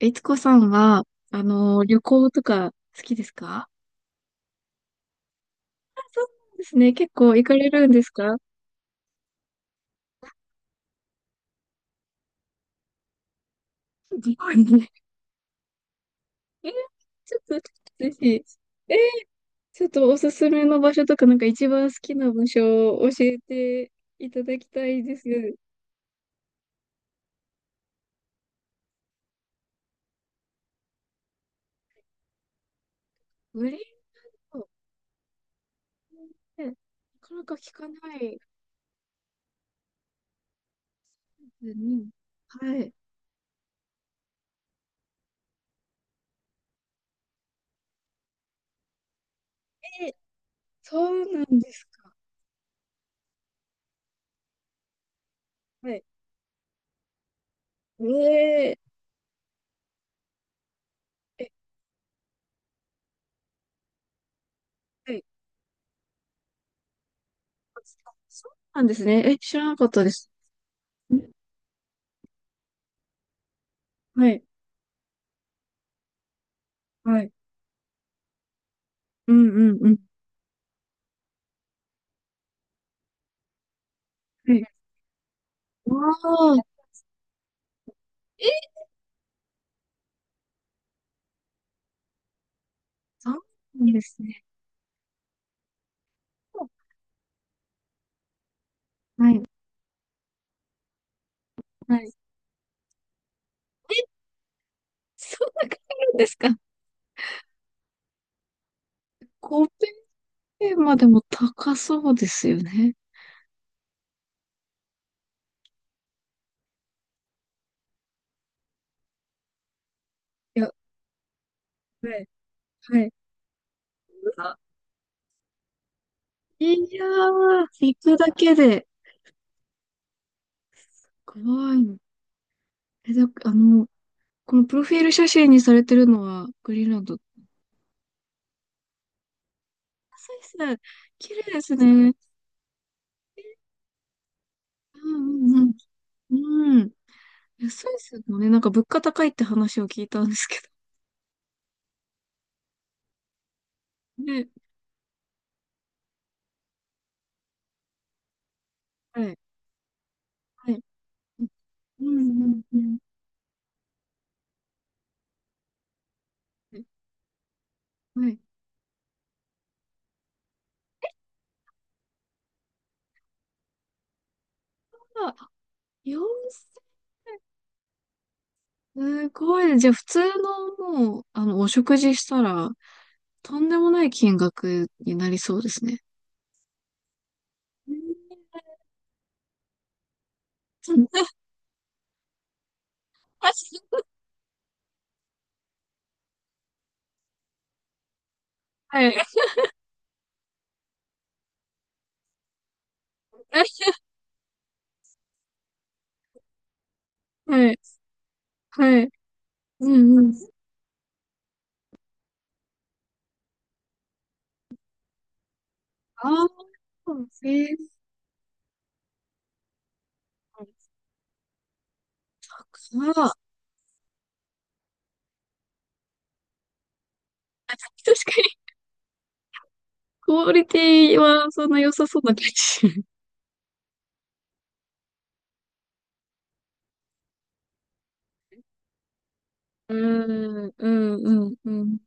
いつこさんは、旅行とか好きですか？そうなんですね。結構行かれるんですか？日本に。えー、ちょっと、ぜひ、えー、ちょっとおすすめの場所とか、なんか一番好きな場所を教えていただきたいです。グリーンを、ね、なかなか聞かないですね。はい。えー、そうなんですか。はい。えー、え、はい。あ、そうなんですね。え、知らなかったです。んはい。はい。うんうんうん。はい。ああ、え、そうなんですね。はい。はい。え、そんなかかるんですかー？ペーまでも高そうですよね。いや、はい、はい。うわいやー、行くだけで怖いの。え、だ、あの、このプロフィール写真にされてるのはグリーンランド。スイス、綺麗ですね。うんうんうん。うん。いやスイスもね、なんか物価高いって話を聞いたんですけど。ね。はい。はい。うんうんうんうん。はい。あ、4 0すごいね。じゃあ、普通のもう、お食事したら、とんでもない金額になりそうですね。うん はい。はい。はい。うんうん。ああ、ええか。確かに、クオリティはそんな良さそうな感じ。うん、うん、うん。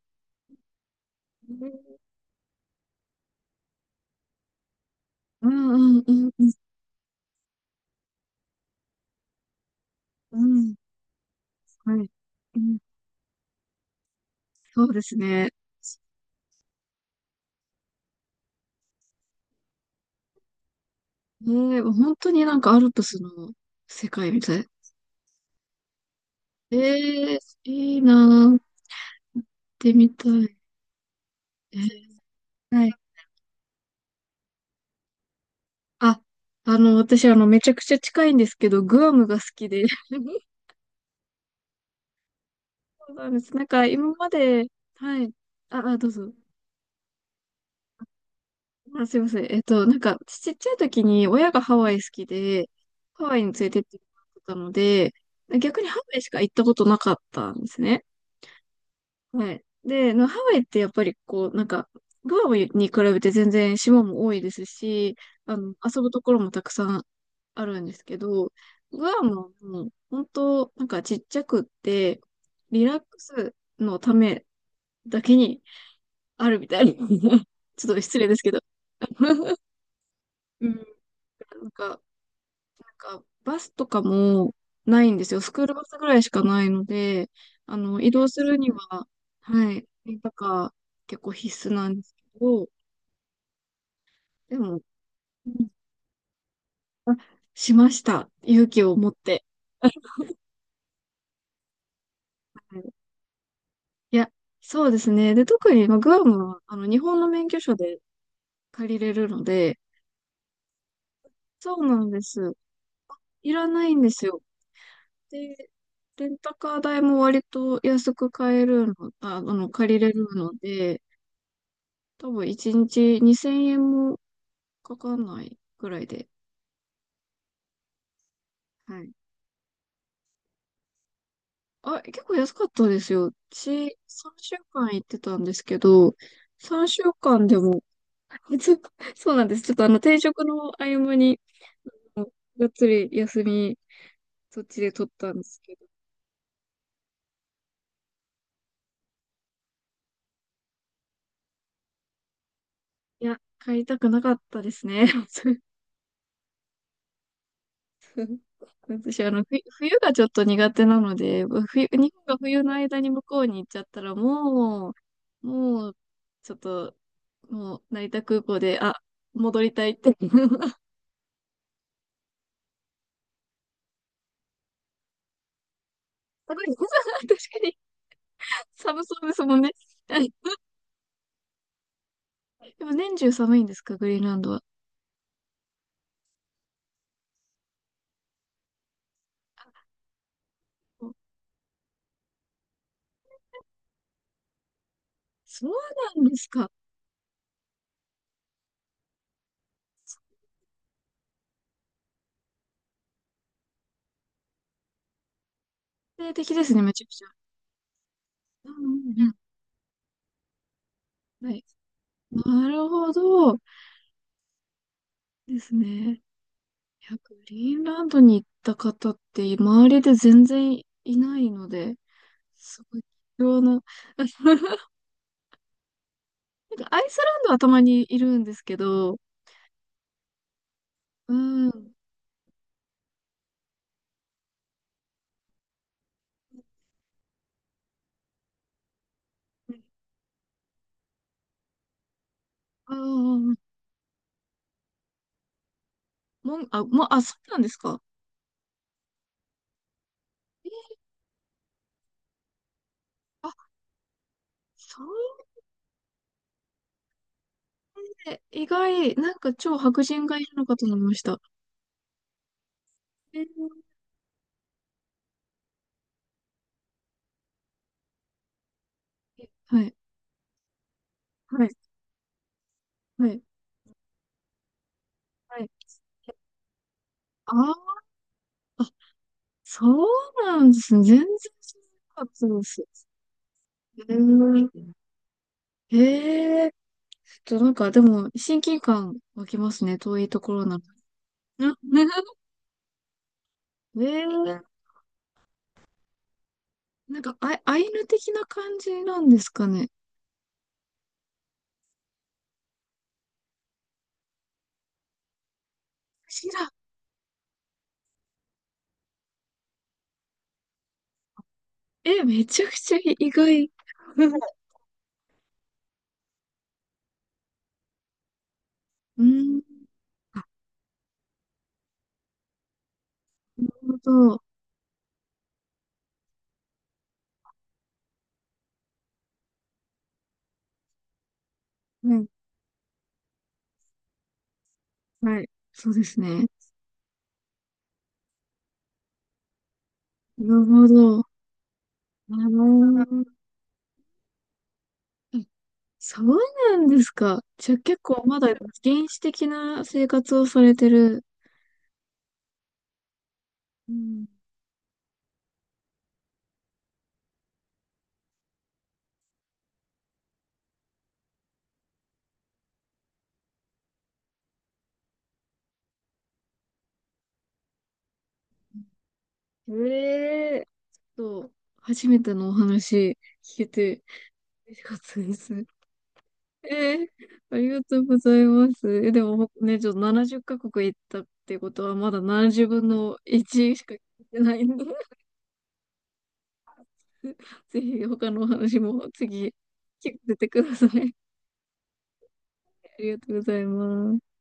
うん、うん、うん、うん。うんはい。うん、そうですね。ええ、もう本当になんかアルプスの世界みたい。ええ、いいなー、行ってみたい。えはい。あ、あの、私、めちゃくちゃ近いんですけど、グアムが好きで。そうなんです。なんか、今まで、はい。あ、あ、どうぞ。あ、すいません。なんか、ちっちゃい時に親がハワイ好きで、ハワイに連れてってもらってたので、逆にハワイしか行ったことなかったんですね。はい。で、ハワイってやっぱりこう、なんか、グアムに比べて全然島も多いですし、遊ぶところもたくさんあるんですけど、グアムはもう本当、なんかちっちゃくって、リラックスのためだけにあるみたいな。ちょっと失礼ですけど。うん。なんか、なんか、バスとかもないんですよ。スクールバスぐらいしかないので、移動するには、はい、レンタカー結構必須なんですけど、でも、うんあ、しました。勇気を持って。はい、いや、そうですね。で、特に、まあ、グアムは、日本の免許証で借りれるので、そうなんです。いらないんですよ。で、レンタカー代も割と安く買えるの、借りれるので、多分1日2000円もかかんないぐらいで。はい。あ、結構安かったですよ。私、3週間行ってたんですけど、3週間でも、そうそうなんです。ちょっと、転職の合間に、あのがっつり休み、そっちで取ったんですけど。いや、帰りたくなかったですね。私、冬がちょっと苦手なので、冬、日本が冬の間に向こうに行っちゃったら、もう、もう、ちょっと、もう、成田空港で、あ、戻りたいって。確かに、寒そうですもんね。はい。でも、年中寒いんですか、グリーンランドは。そうなんですか。定的ですね、めちゃくちゃ。うんうんうん。はい。なるほど。ですね。いや、グリーンランドに行った方って、周りで全然いないので、すごい、貴重な。なんかアイスランドはたまにいるんですけど、うん。うんうんうん。もん、あ、もう、あ、そうなんですか。えーあ、そうで、意外、なんか超白人がいるのかと思いました。えーはい、はい、はい、はい。あーあ、そうなんですね。全然知らなかったです。えーえー、ちょっとなんかでも親近感湧きますね。遠いところなのに。ええなんか、あ、アイヌ的な感じなんですかね。知らん。え、めちゃくちゃ意外。うん。あ、なるほど。はい。はい。そうですね。なるほど。あーえそうなんですか。じゃあ結構まだ原始的な生活をされてる。うん。ええちょっと、初めてのお話聞けて嬉しかったです。えーありがとうございます。え、でもほね、ちょっと70カ国行ったってことは、まだ70分の1しか聞いてないんで、ぜひ他のお話も次、聞かせてください。ありがとうございます。